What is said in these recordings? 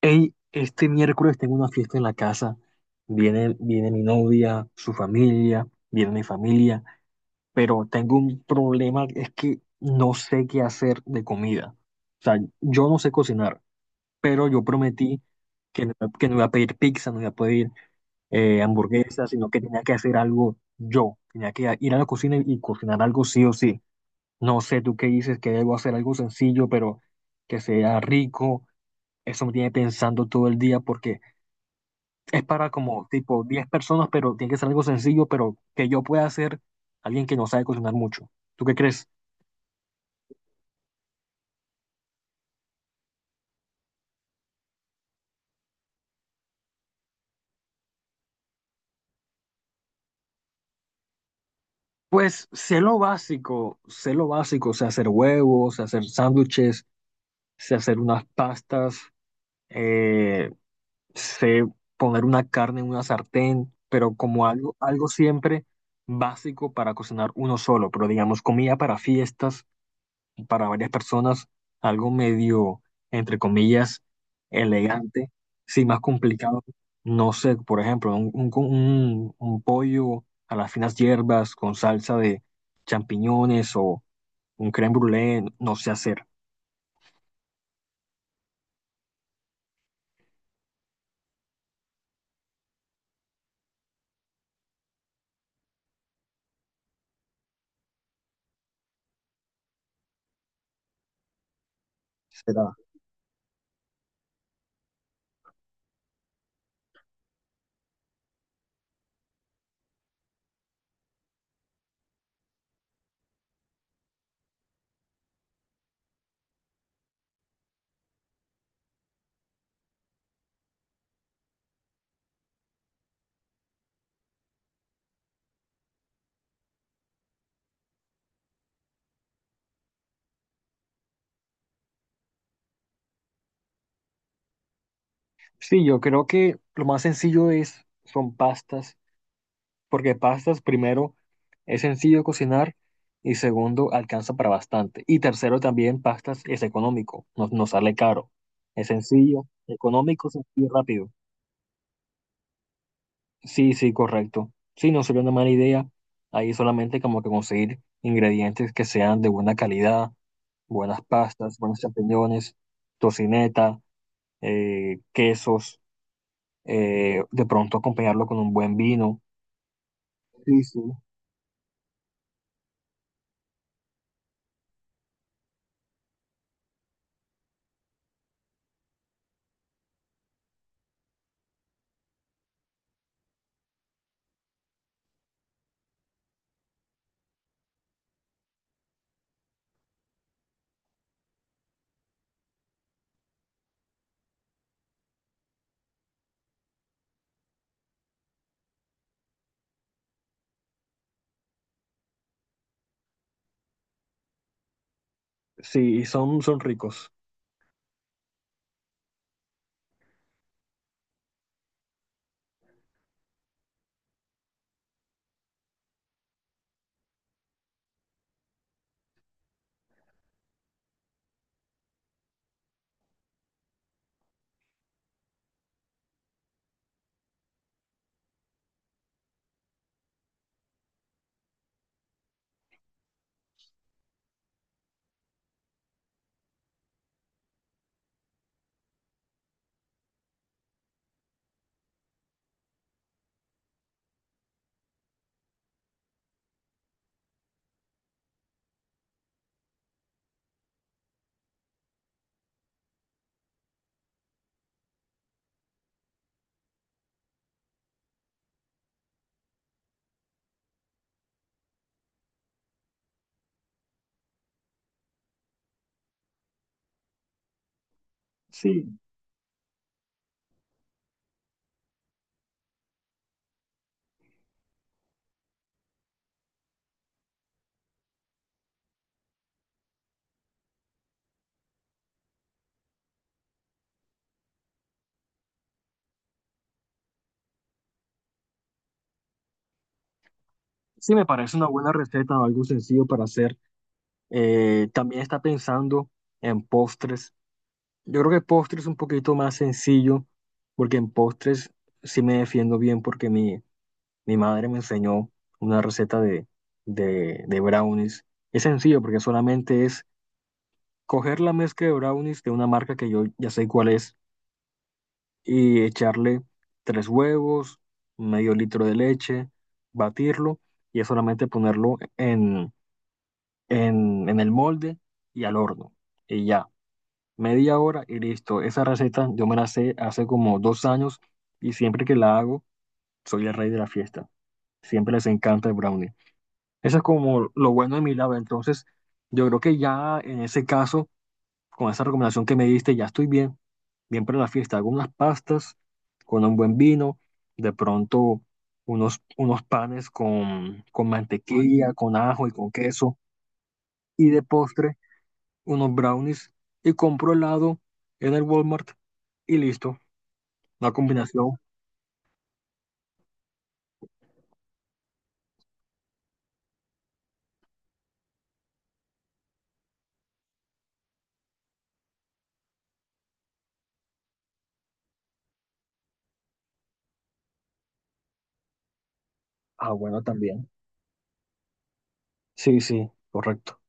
Hey, este miércoles tengo una fiesta en la casa. Viene mi novia, su familia, viene mi familia, pero tengo un problema, es que no sé qué hacer de comida. O sea, yo no sé cocinar, pero yo prometí que no, que no iba a pedir pizza, no iba a pedir hamburguesa, sino que tenía que hacer algo yo. Tenía que ir a la cocina y cocinar algo sí o sí. No sé tú qué dices, que debo hacer algo sencillo, pero que sea rico. Eso me tiene pensando todo el día porque es para como tipo 10 personas, pero tiene que ser algo sencillo, pero que yo pueda hacer alguien que no sabe cocinar mucho. ¿Tú qué crees? Pues sé lo básico, sé lo básico, sé hacer huevos, sé hacer sándwiches, sé hacer unas pastas, eh, sé poner una carne en una sartén, pero como algo, algo siempre básico para cocinar uno solo, pero digamos comida para fiestas para varias personas algo medio, entre comillas, elegante, sí, más complicado. No sé, por ejemplo, un pollo a las finas hierbas con salsa de champiñones o un crème brûlée, no sé hacer. Será. Sí, yo creo que lo más sencillo es, son pastas porque pastas, primero, es sencillo cocinar y segundo, alcanza para bastante. Y tercero, también pastas es económico, no, no sale caro. Es sencillo, económico, sencillo y rápido. Sí, sí, correcto. Sí, no sería una mala idea. Ahí solamente como que conseguir ingredientes que sean de buena calidad, buenas pastas, buenos champiñones, tocineta, quesos, de pronto acompañarlo con un buen vino. Sí, sí. Sí, son, son ricos. Sí, sí, me parece una buena receta, algo sencillo para hacer. También está pensando en postres. Yo creo que postres es un poquito más sencillo, porque en postres sí me defiendo bien, porque mi madre me enseñó una receta de, de brownies. Es sencillo, porque solamente es coger la mezcla de brownies de una marca que yo ya sé cuál es y echarle 3 huevos, medio litro de leche, batirlo y es solamente ponerlo en el molde y al horno. Y ya, media hora y listo. Esa receta yo me la sé hace como 2 años y siempre que la hago, soy el rey de la fiesta. Siempre les encanta el brownie. Eso es como lo bueno de mi lado. Entonces, yo creo que ya en ese caso, con esa recomendación que me diste, ya estoy bien, bien para la fiesta. Hago unas pastas con un buen vino, de pronto unos, unos panes con mantequilla, con ajo y con queso. Y de postre, unos brownies y compro helado en el Walmart y listo. Una combinación. Ah, bueno, también. Sí, sí, correcto.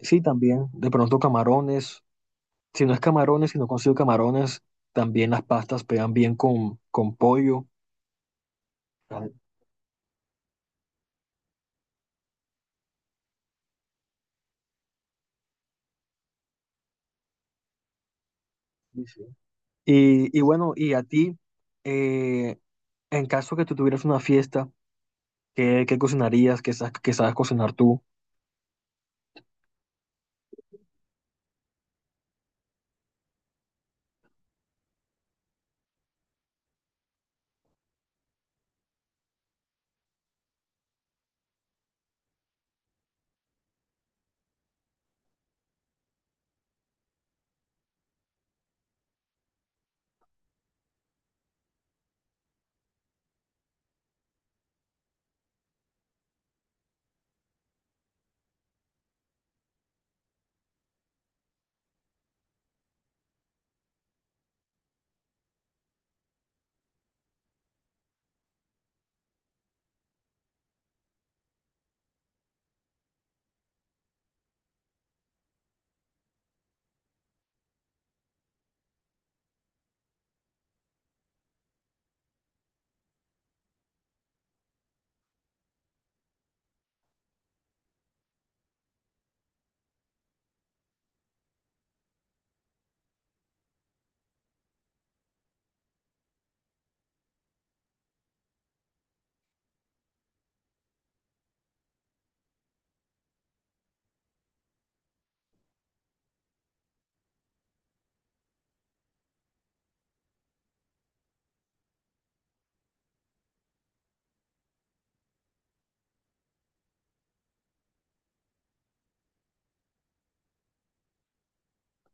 Sí, también. De pronto camarones. Si no es camarones, si no consigo camarones, también las pastas pegan bien con pollo. Ah, sí, sí. Y bueno, y a ti, eh, en caso que tú tuvieras una fiesta, ¿qué, qué cocinarías? Qué sabes cocinar tú?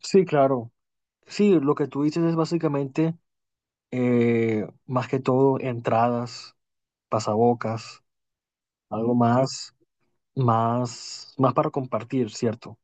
Sí, claro. Sí, lo que tú dices es básicamente, más que todo, entradas pasabocas, algo más, más, más para compartir, ¿cierto?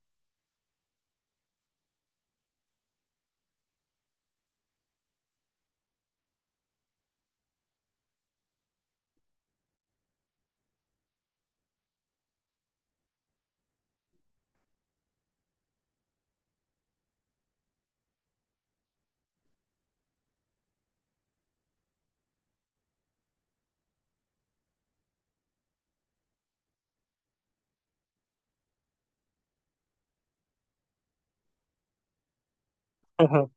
Ajá.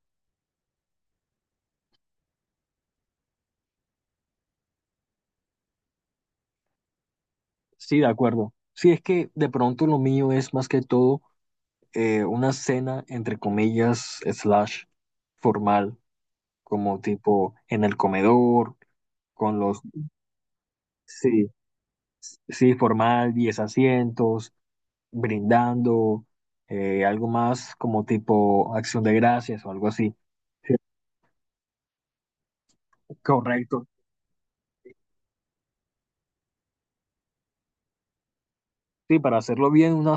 Sí, de acuerdo. Sí, es que de pronto lo mío es más que todo una cena, entre comillas, slash, formal, como tipo en el comedor, con los, sí, sí, formal, 10 asientos, brindando, algo más como tipo acción de gracias o algo así. Sí, correcto. Sí, para hacerlo bien, una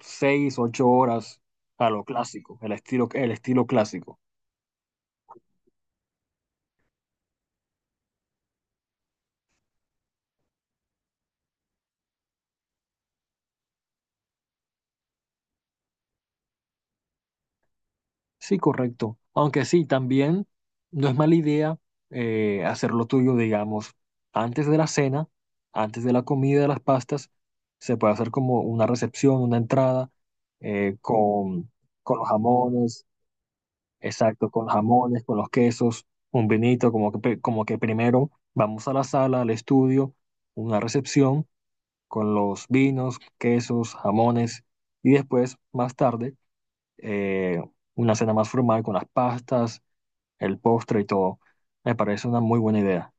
6, 8 horas a lo clásico, el estilo clásico. Sí, correcto. Aunque sí, también no es mala idea hacer lo tuyo, digamos, antes de la cena, antes de la comida de las pastas, se puede hacer como una recepción, una entrada eh, con, con los jamones, exacto, con los jamones, con los quesos, un vinito, como que, pe- como que primero vamos a la sala, al estudio, una recepción con los vinos, quesos, jamones y después, más tarde, eh, una cena más formal con las pastas, el postre y todo. Me parece una muy buena idea.